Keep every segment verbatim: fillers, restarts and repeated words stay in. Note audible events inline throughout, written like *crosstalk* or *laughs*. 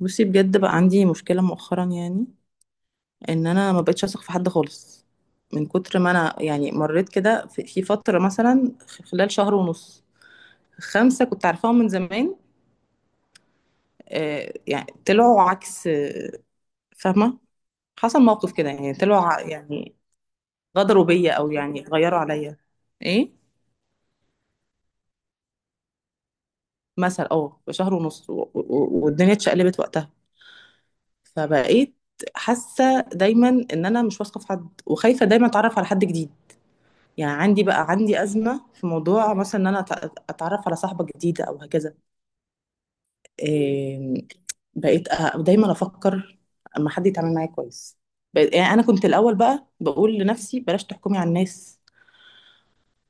بصي، بجد بقى عندي مشكلة مؤخرا يعني ان انا ما بقتش اثق في حد خالص. من كتر ما انا يعني مريت كده في في فترة مثلا خ- خلال شهر ونص. خمسة كنت عارفاهم من زمان. آه، يعني طلعوا عكس. آه، فاهمة؟ حصل موقف كده، يعني طلعوا ع- يعني غدروا بيا او يعني غيروا عليا. ايه، مثلا اه بشهر ونص و- و- والدنيا اتشقلبت وقتها. فبقيت حاسة دايما ان انا مش واثقة في حد، وخايفة دايما اتعرف على حد جديد. يعني عندي بقى عندي أزمة في موضوع مثلا إن أنا أت- أتعرف على صاحبة جديدة أو هكذا. إيه، بقيت أ- دايما أفكر أما حد يتعامل معايا كويس. بقيت- يعني أنا كنت الأول بقى بقول لنفسي بلاش تحكمي على الناس،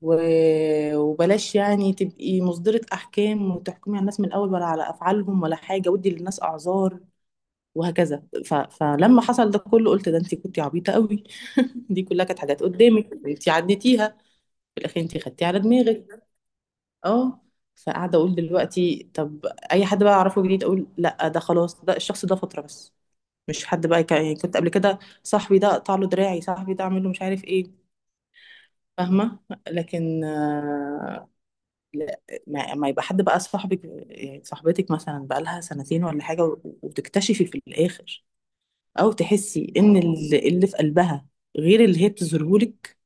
و- وبلاش يعني تبقي مصدرة أحكام وتحكمي على الناس من الأول ولا على أفعالهم ولا حاجة، ودي للناس أعذار وهكذا. ف... فلما حصل ده كله قلت ده انت كنتي عبيطة قوي. *laughs* دي كلها كانت حاجات قدامك انت عديتيها، في الأخير انت خدتي على دماغك. اه. فقاعده اقول دلوقتي، طب اي حد بقى اعرفه جديد اقول لا، ده خلاص، ده الشخص ده فتره بس. مش حد بقى يك- يعني كنت قبل كده صاحبي ده اقطع له دراعي، صاحبي ده اعمل له مش عارف ايه. فاهمه؟ لكن آه، لا. ما, ما يبقى حد بقى صاحبك، يعني صاحبتك مثلا بقى لها سنتين ولا حاجه و- وتكتشفي في الاخر او تحسي ان اللي اللي في قلبها غير اللي هي بتظهرهولك.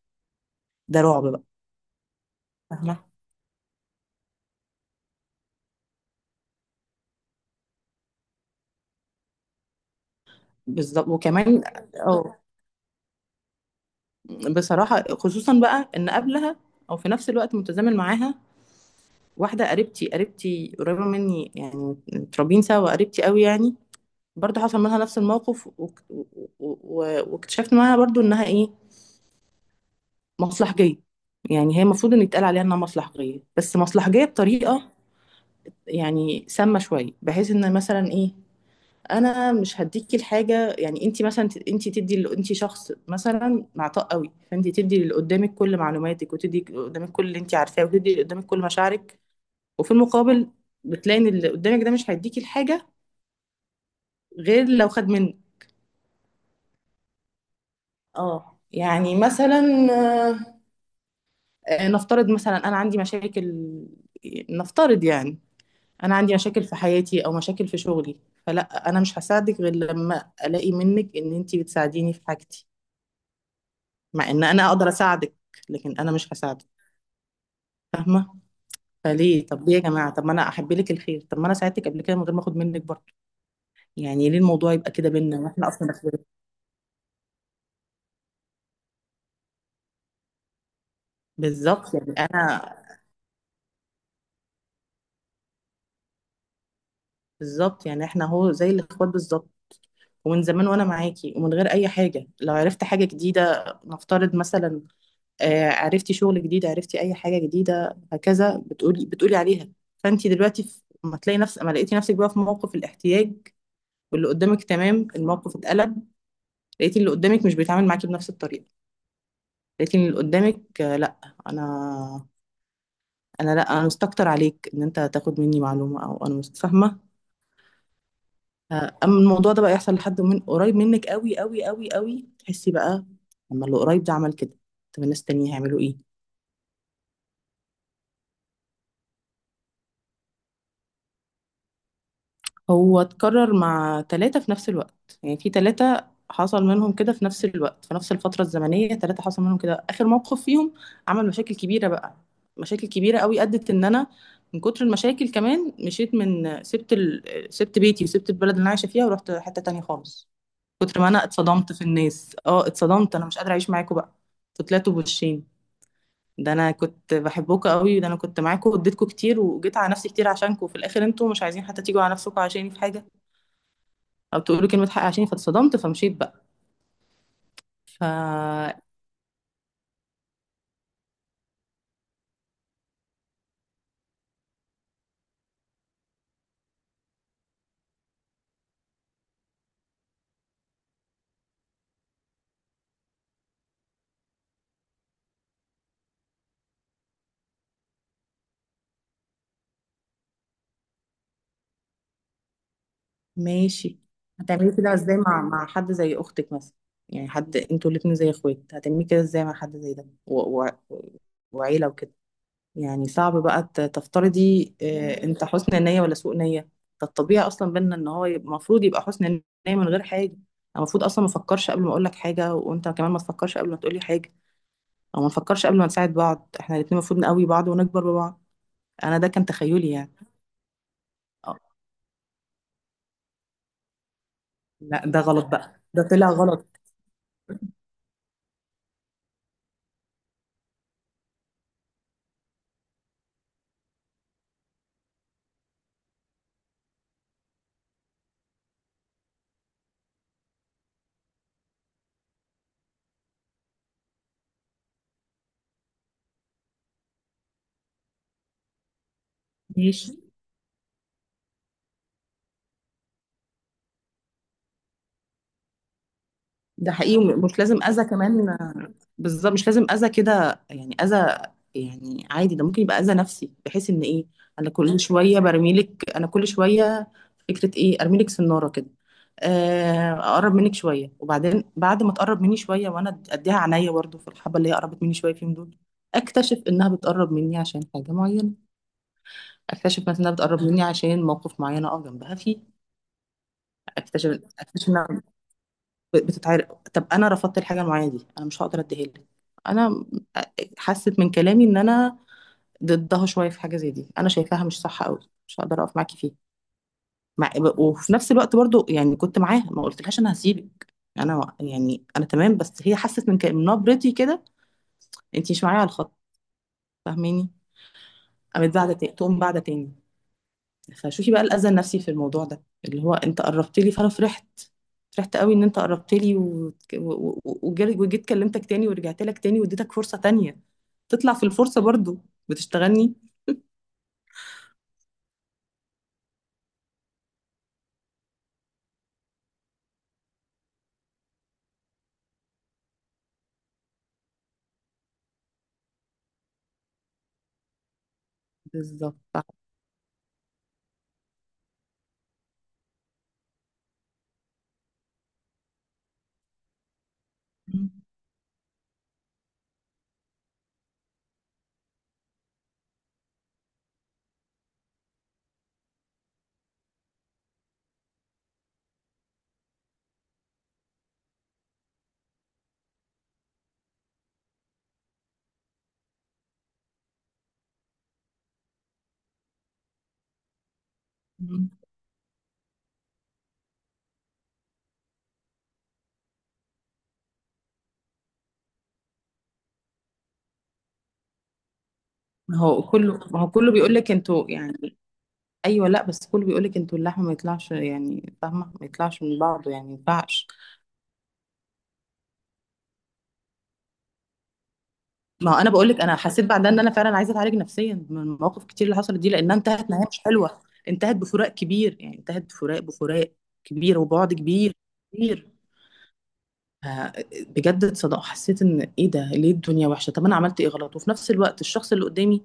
ده رعب بقى. فاهمه. بالظبط، وكمان اه، بصراحة خصوصا بقى ان قبلها، او في نفس الوقت متزامن معاها، واحدة قريبتي، قريبتي قريبة مني يعني، متربيين سوا، قريبتي قوي يعني. برضه حصل منها نفس الموقف وك- و- و- و- واكتشفت معاها برضه انها ايه، مصلحجية. يعني هي المفروض ان يتقال عليها انها مصلحجية، بس مصلحجية بطريقة يعني سامة شوية، بحيث ان مثلا ايه، انا مش هديكي الحاجه. يعني انت مثلا ت- انت تدي ل- انت شخص مثلا معطاء قوي، فانت تدي اللي قدامك كل معلوماتك، وتدي اللي قدامك كل اللي انت عارفاه، وتدي اللي قدامك كل مشاعرك. وفي المقابل بتلاقي ان اللي قدامك ده مش هيديكي الحاجه غير لو خد منك. اه، يعني مثلا. آه، آه، نفترض مثلا انا عندي مشاكل، نفترض يعني انا عندي مشاكل في حياتي او مشاكل في شغلي، فلا انا مش هساعدك غير لما الاقي منك ان انت بتساعديني في حاجتي. مع ان انا اقدر اساعدك، لكن انا مش هساعدك. فاهمه؟ فليه؟ طب ليه يا جماعه؟ طب ما انا احب لك الخير، طب ما انا ساعدتك قبل كده من غير ما اخد منك برضه. يعني ليه الموضوع يبقى كده بينا واحنا اصلا اخوات؟ بالظبط. يعني انا، بالظبط، يعني احنا هو زي الاخوات بالظبط. ومن زمان وانا معاكي ومن غير اي حاجه، لو عرفت حاجه جديده نفترض مثلا، آه عرفتي شغل جديد، عرفتي اي حاجه جديده هكذا بتقولي بتقولي عليها. فانت دلوقتي في- ما تلاقي نفس ما لقيتي نفسك بقى في موقف الاحتياج، واللي قدامك تمام، الموقف اتقلب. لقيتي اللي قدامك مش بيتعامل معاكي بنفس الطريقه. لقيتي اللي قدامك آه، لا، انا، انا لا، انا مستكتر عليك ان انت تاخد مني معلومه، او انا مش فاهمه. آه، اما الموضوع ده بقى يحصل لحد من قريب منك قوي قوي قوي قوي، تحسي بقى، لما اللي قريب ده عمل كده طب الناس التانية هيعملوا ايه؟ هو اتكرر مع ثلاثة في نفس الوقت. يعني في ثلاثة حصل منهم كده في نفس الوقت، في نفس الفترة الزمنية. ثلاثة حصل منهم كده، آخر موقف فيهم عمل مشاكل كبيرة بقى، مشاكل كبيرة قوي أدت إن أنا من كتر المشاكل كمان مشيت من سبت ال... سبت بيتي وسبت البلد اللي أنا عايشة فيها ورحت حتة تانية خالص. كتر ما أنا اتصدمت في الناس، اه اتصدمت أنا مش قادرة أعيش معاكم بقى. انتوا طلعتوا بوشين. ده أنا كنت بحبكم قوي، ده أنا كنت معاكم واديتكم كتير وجيت على نفسي كتير عشانكم، وفي الآخر أنتوا مش عايزين حتى تيجوا على نفسكم عشاني في حاجة او تقولي كلمه حق عشان، فاتصدمت فمشيت بقى. فماشي. هتعملي كده ازاي مع مع حد زي اختك مثلا؟ يعني حد انتوا الاتنين زي اخوات، هتعملي كده ازاي مع حد زي ده و... و... وعيله وكده؟ يعني صعب بقى ت- تفترضي آه، انت حسن نيه ولا سوء نيه. ده الطبيعي اصلا بينا ان هو يبقى- المفروض يبقى حسن نيه من غير حاجه. أنا المفروض اصلا ما افكرش قبل ما اقول لك حاجه، وانت كمان ما تفكرش قبل ما تقولي حاجه، او ما نفكرش قبل ما نساعد بعض. احنا الاتنين المفروض نقوي بعض ونكبر ببعض. انا ده كان تخيلي يعني. لا ده غلط بقى، ده طلع غلط. ماشي. ده حقيقي، ومش لازم اذى كمان. آه، بالظبط، مش لازم اذى كده يعني اذى، يعني عادي. ده ممكن يبقى اذى نفسي بحيث ان ايه، انا كل شويه برميلك، انا كل شويه فكره ايه، ارميلك سناره كده. آه، اقرب منك شويه، وبعدين بعد ما تقرب مني شويه وانا اديها عينيا برضه، في الحبه اللي هي قربت مني شويه فيهم دول، اكتشف انها بتقرب مني عشان حاجه معينه. اكتشف مثلا انها بتقرب مني عشان موقف معين اقف جنبها فيه. اكتشف اكتشف انها ب- بتتعرق. طب انا رفضت الحاجه المعينه دي، انا مش هقدر اديها لك. انا م- حست من كلامي ان انا ضدها شويه في حاجه زي دي، انا شايفاها مش صح قوي، مش هقدر اقف معاكي فيها. مع... وفي نفس الوقت برضو، يعني كنت معاها ما قلتلهاش انا هسيبك، انا يعني انا تمام، بس هي حست من ك... من نبرتي كده انت مش معايا على الخط. فاهماني؟ قامت بعد تقوم بعد تاني. فشوفي بقى الأذى النفسي في الموضوع ده، اللي هو انت قربت لي فانا فرحت، فرحت قوي ان انت قربت لي و... و... و- وجيت وجيت كلمتك تاني ورجعت لك تاني واديتك فرصة تانية، تطلع في الفرصة برضو بتشتغلني. بالظبط صح. مم. ما هو كله، ما هو كله بيقول لك انتوا يعني. ايوه لا، بس كله بيقول لك انتوا اللحم ما يطلعش يعني. فاهمه؟ ما يطلعش من بعضه، يعني ما ينفعش. ما انا بقول لك، انا حسيت بعدها ان انا فعلا عايزه اتعالج نفسيا من المواقف الكتير اللي حصلت دي، لانها انتهت نهايه مش حلوه، انتهت بفراق كبير. يعني انتهت بفراق بفراق كبير. وبعد كبير. كبير. ف- بجد اتصدق حسيت ان ايه ده؟ ليه الدنيا وحشه؟ طب انا عملت ايه غلط؟ وفي نفس الوقت الشخص اللي قدامي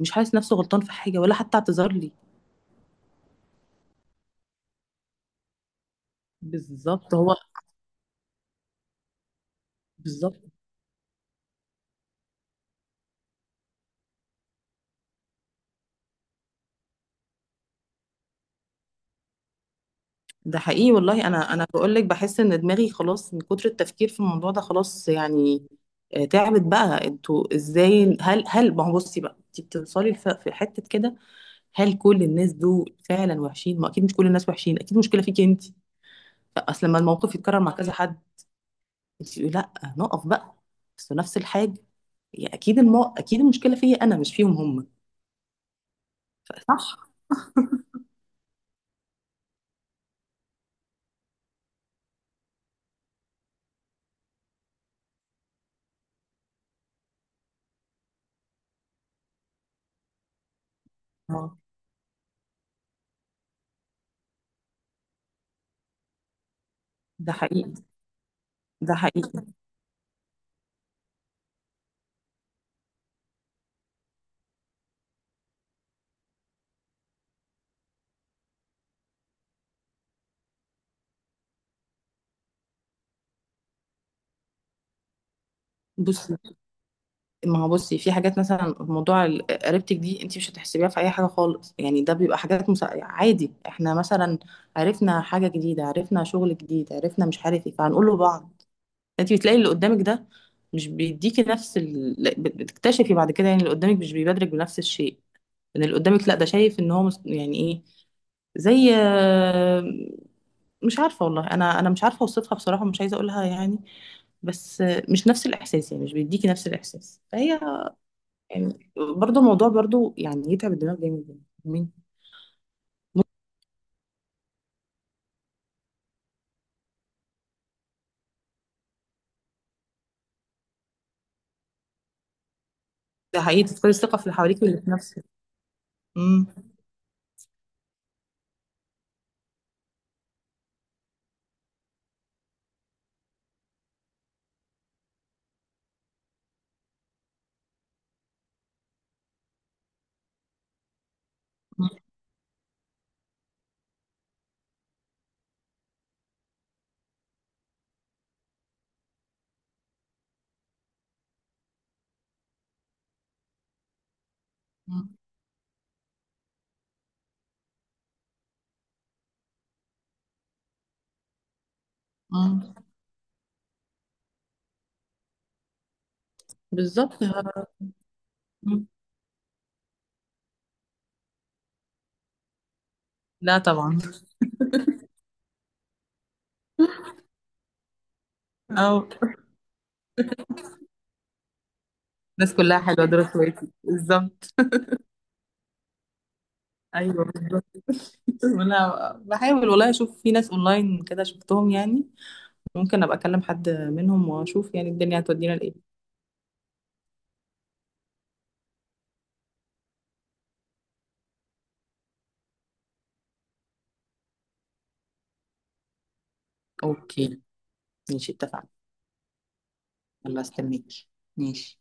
مش حاسس نفسه غلطان في حاجه ولا حتى اعتذر لي. بالظبط هو. بالظبط. ده حقيقي والله. انا انا بقول لك بحس ان دماغي خلاص من كتر التفكير في الموضوع ده، خلاص يعني. آه، تعبت بقى. انتوا ازاي؟ هل هل ما هو بصي بقى، انت بتوصلي لف- في حته كده، هل كل الناس دول فعلا وحشين؟ ما اكيد مش كل الناس وحشين، اكيد المشكله فيكي انت، اصل لما الموقف يتكرر مع كذا حد انت تقولي لا نقف بقى، بس نفس الحاجه، يا اكيد المو... اكيد المشكله فيا انا مش فيهم هم. ف- صح. اه. ده حقيقي. ده حقيقي. بصي. ما هو بصي في حاجات مثلا موضوع ال- قريبتك دي انت مش هتحسبيها في اي حاجه خالص، يعني ده بيبقى حاجات مس... عادي. احنا مثلا عرفنا حاجه جديده، عرفنا شغل جديد، عرفنا مش عارف ايه، فهنقول له بعض. انت بتلاقي اللي قدامك ده مش بيديكي نفس ال... لا، بت- بتكتشفي بعد كده يعني اللي قدامك مش بيبادرك بنفس الشيء، ان اللي قدامك لا ده شايف ان هو مس... يعني ايه، زي آه، مش عارفه والله. انا انا مش عارفه اوصفها بصراحه، مش عايزه اقولها يعني، بس آه، مش نفس الاحساس. يعني مش بيديكي نفس الاحساس فهي، يعني برضه الموضوع برضه يعني يتعب الدماغ جامد يعني. مين؟ ده حقيقي، تفقدي الثقة في اللي حواليك واللي في نفسك. مم. مم. مم. مم. بالظبط. مم. لا طبعا. أو الناس كلها حلوة دول اخواتي بالظبط. ايوه بالظبط. *laughs* وانا بحاول والله اشوف في ناس اونلاين كده شفتهم يعني، ممكن ابقى اكلم حد منهم واشوف يعني الدنيا هتودينا لايه. اوكي. ماشي، اتفقنا. يلا استنيك. ماشي.